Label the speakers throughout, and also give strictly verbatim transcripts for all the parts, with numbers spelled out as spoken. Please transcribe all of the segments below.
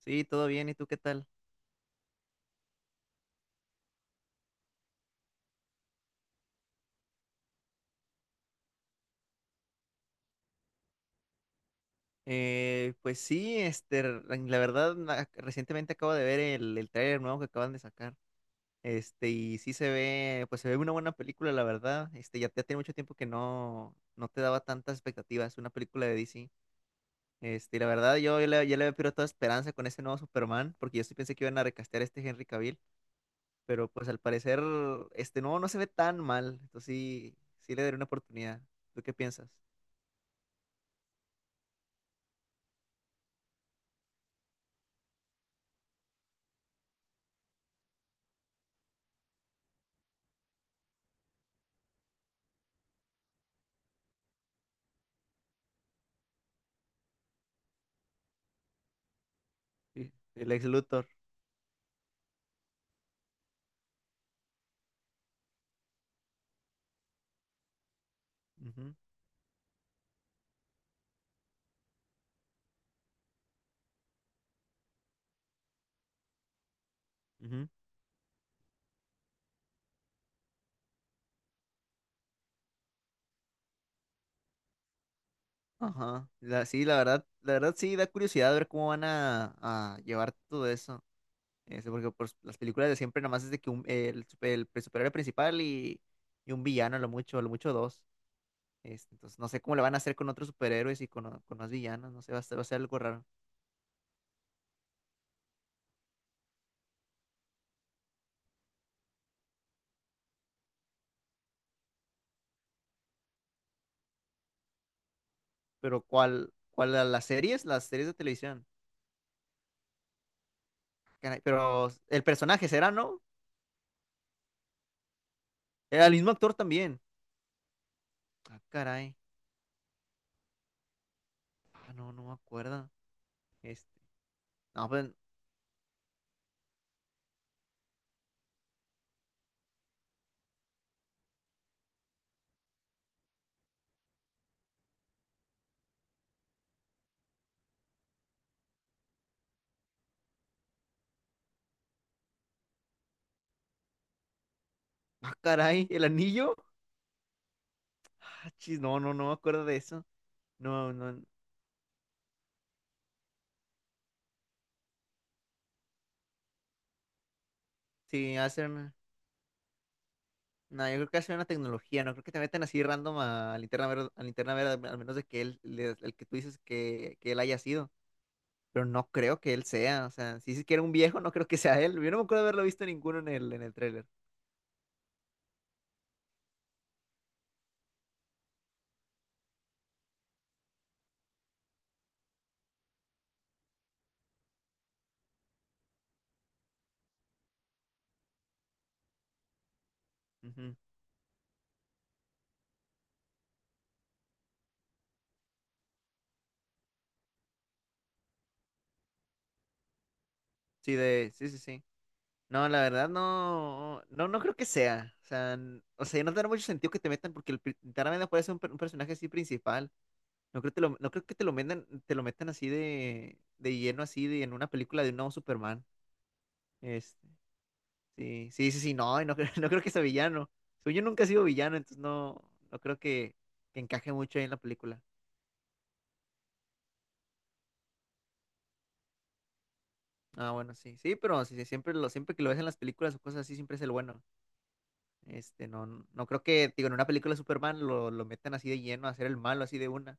Speaker 1: Sí, todo bien, ¿y tú qué tal? Eh, pues sí, este, r- la verdad, na- recientemente acabo de ver el, el tráiler nuevo que acaban de sacar. Este, y sí se ve, pues se ve una buena película, la verdad. Este, ya, ya tiene mucho tiempo que no, no te daba tantas expectativas una película de D C. Este, y la verdad, yo ya le, ya le había perdido toda esperanza con ese nuevo Superman, porque yo sí pensé que iban a recastear a este Henry Cavill, pero pues al parecer, este nuevo no se ve tan mal. Entonces sí, sí le daré una oportunidad. ¿Tú qué piensas? Sí, el ex Luthor. Ujú, ujú. Ajá. La, sí, la verdad, la verdad sí da curiosidad ver cómo van a, a llevar todo eso. Este, porque pues, las películas de siempre nada más es de que un, el, super- el pre- superhéroe principal y, y un villano, a lo mucho, a lo mucho dos. Este, entonces no sé cómo le van a hacer con otros superhéroes y con, o- con más villanos, no sé, va a ser, va a ser algo raro. Pero ¿cuál, ¿cuál la- las series? Las series de televisión. Caray, pero el personaje será, ¿no? Era el mismo actor también. Ah, caray. Ah, no, no me acuerdo. Este, no, pues, Ah, caray, el anillo. Ah, chis, no, no, no me acuerdo de eso. No, no. Sí, hacen. No, yo creo que hacen una tecnología. No creo que te metan así random a Linterna Verde, a Linterna Verde, al menos de que él, le- el que tú dices que, que él haya sido. Pero no creo que él sea. O sea, si dices que era un viejo, no creo que sea él. Yo no me acuerdo de haberlo visto ninguno en el, en el tráiler. Ujú. Sí, de. Sí, sí, sí. No, la verdad no, no, no creo que sea. O sea, n- o sea, no tiene mucho sentido que te metan porque el pri- Linterna Verde puede ser un, per- un personaje así principal. No creo, te lo, no creo que te lo metan, te lo metan así de, de lleno, así de, en una película de un nuevo Superman. Este, sí, sí, sí, sí, no, y no, creo- no creo que sea villano. Según yo nunca he sido villano, entonces no, no creo que, que encaje mucho ahí en la película. Ah, bueno, sí, sí, pero sí, sí, siempre, lo, siempre que lo ves en las películas o cosas así, siempre es el bueno. Este, no, no creo que, digo, en una película de Superman lo, lo metan así de lleno a ser el malo así de una.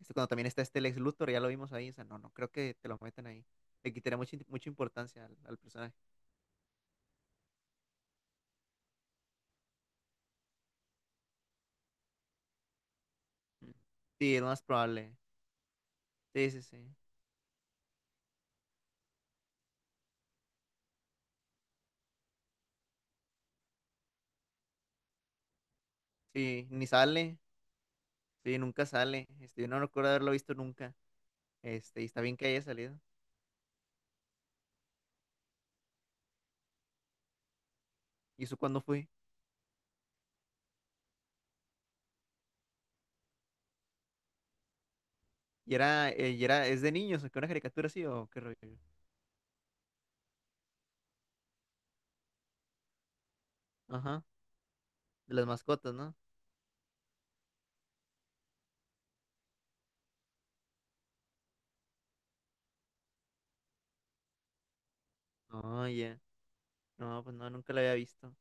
Speaker 1: Este, cuando también está este Lex Luthor, ya lo vimos ahí, o sea, no, no creo que te lo metan ahí. Le quitaría mucha, mucha importancia al al personaje. Sí, es lo más probable. Sí, sí, sí. Sí, ni sale. Sí, nunca sale. Este, yo no recuerdo haberlo visto nunca. Este, y está bien que haya salido. ¿Y eso cuándo fue? Y era, eh, ¿y era, es de niños, o qué, una caricatura así o qué rollo? Ajá, de las mascotas, ¿no? Oh, ya. No, pues no, nunca la había visto.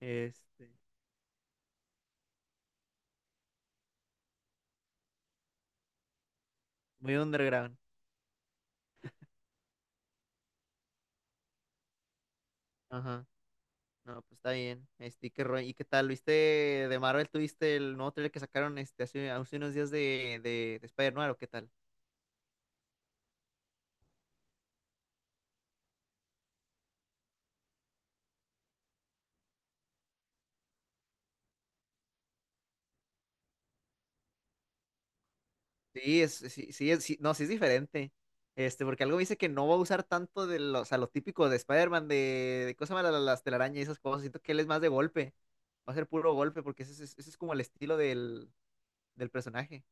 Speaker 1: Este, Muy underground. Ajá. No, pues está bien. Este, ¿y qué rollo? ¿Y qué tal? ¿Viste de Marvel? ¿Tuviste el nuevo trailer que sacaron este hace, hace unos días de, de, de Spider-Man o qué tal? Sí, es, sí, sí, es- sí, no, sí es diferente. Este, porque algo dice que no va a usar tanto de lo, o sea, lo típico de Spider-Man, de, de cosas malas, las telarañas y esas cosas. Siento que él es más de golpe. Va a ser puro golpe, porque ese, es ese es como el estilo del, del personaje.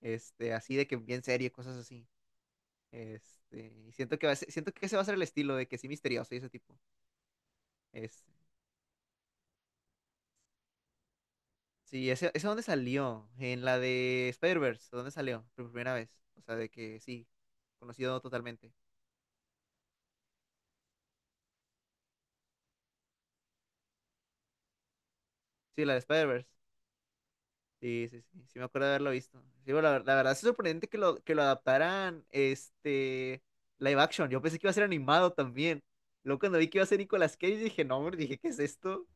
Speaker 1: Este, así de que bien serio, cosas así. Este, y siento que va a ser- siento que ese va a ser el estilo, de que sí misterioso y ese tipo. Este, sí, ese, Ese dónde salió, en la de Spider-Verse, ¿dónde salió? Por primera vez. O sea, de que sí, conocido totalmente. Sí, la de Spider-Verse. Sí, sí, sí, sí me acuerdo de haberlo visto. Sí, bueno, la, ver- la verdad es sorprendente que lo, que lo adaptaran este live action. Yo pensé que iba a ser animado también. Luego cuando vi que iba a ser Nicolas Cage dije, no, hombre, dije, ¿qué es esto?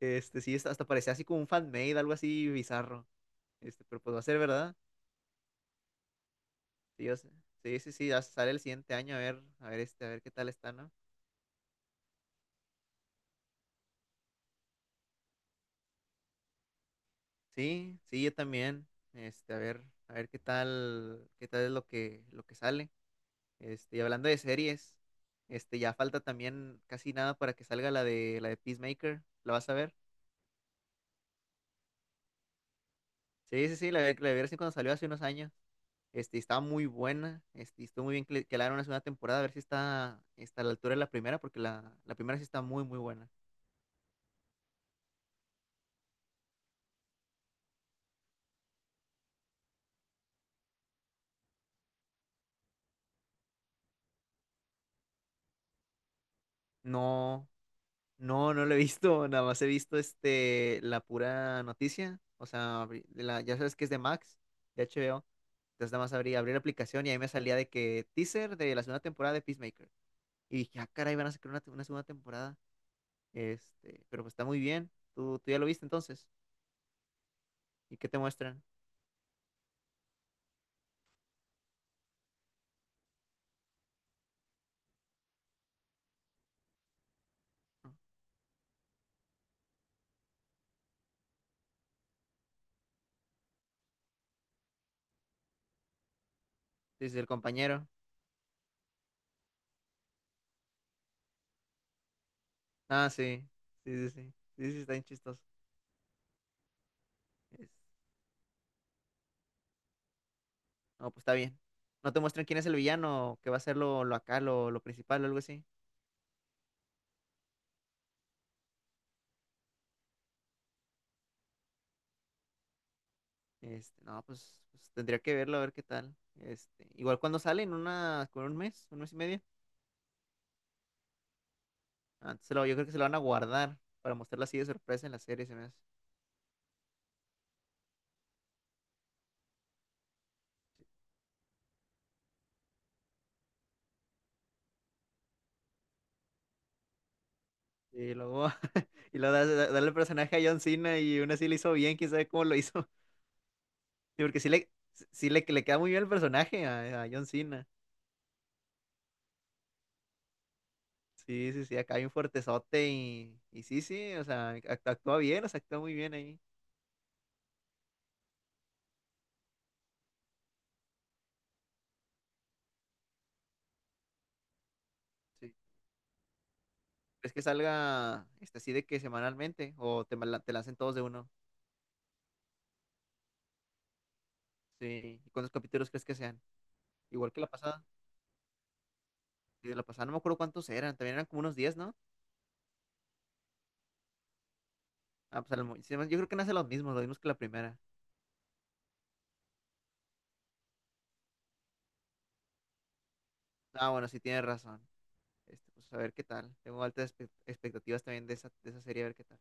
Speaker 1: Este, sí, hasta hasta parecía así como un fan-made, algo así bizarro. Este, pero pues va a ser, ¿verdad? Sí, yo sé. Sí, sí, sí, ya sale el siguiente año, a ver, a ver este, a ver qué tal está, ¿no? Sí, sí, yo también. Este, a ver, a ver qué tal, qué tal es lo que, lo que sale. Este, y hablando de series, este, ya falta también casi nada para que salga la de la de Peacemaker. ¿La vas a ver? Sí, sí, sí, la, vi- la vi recién cuando salió hace unos años. Este, y estaba muy buena. Este, y estuvo muy bien que, le- que le hagan una segunda temporada, a ver si está, está a la altura de la primera, porque la, la primera sí está muy, muy buena. No, no, no la he visto, nada más he visto este, la pura noticia. O sea, abrí- de la, ya sabes que es de Max, de H B O. Entonces nada más abrí, abrí la aplicación y ahí me salía de que teaser de la segunda temporada de Peacemaker. Y dije, ah, caray, van a sacar una, una segunda temporada. Este, pero pues está muy bien. ¿Tú, tú ya lo viste entonces? ¿Y qué te muestran? ¿No? Dice el compañero. Ah, sí. Sí, sí, sí. Sí, sí, está bien chistoso. Es- No, pues está bien. No te muestran quién es el villano, que va a ser lo, lo acá, lo, lo principal o algo así. Este, no, pues, pues tendría que verlo a ver qué tal. Este, igual cuando sale en una, con un mes, un mes y medio. Antes se lo- yo creo que se lo van a guardar para mostrarlo así de sorpresa en la serie, se me hace. Y luego, y luego da- da- darle el personaje a John Cena y aún así lo hizo bien, quién sabe cómo lo hizo. Sí, porque sí le, sí le, le queda muy bien el personaje a, a John Cena. Sí, sí, sí, acá hay un fuertezote y, y sí, sí, o sea, act- actúa bien, o sea, actúa muy bien ahí. Sí. ¿Crees que salga este, así de que semanalmente o te, mal- te lancen todos de uno? Sí. ¿Y cuántos capítulos crees que sean? Igual que la pasada. Sí, de la pasada no me acuerdo cuántos eran, también eran como unos diez, ¿no? Ah, pues a lo mo- sí, yo creo que no hacen los mismos, lo mismos que la primera. Ah, bueno, sí tienes razón. Este, pues a ver qué tal. Tengo altas expect- expectativas también de esa, de esa serie, a ver qué tal.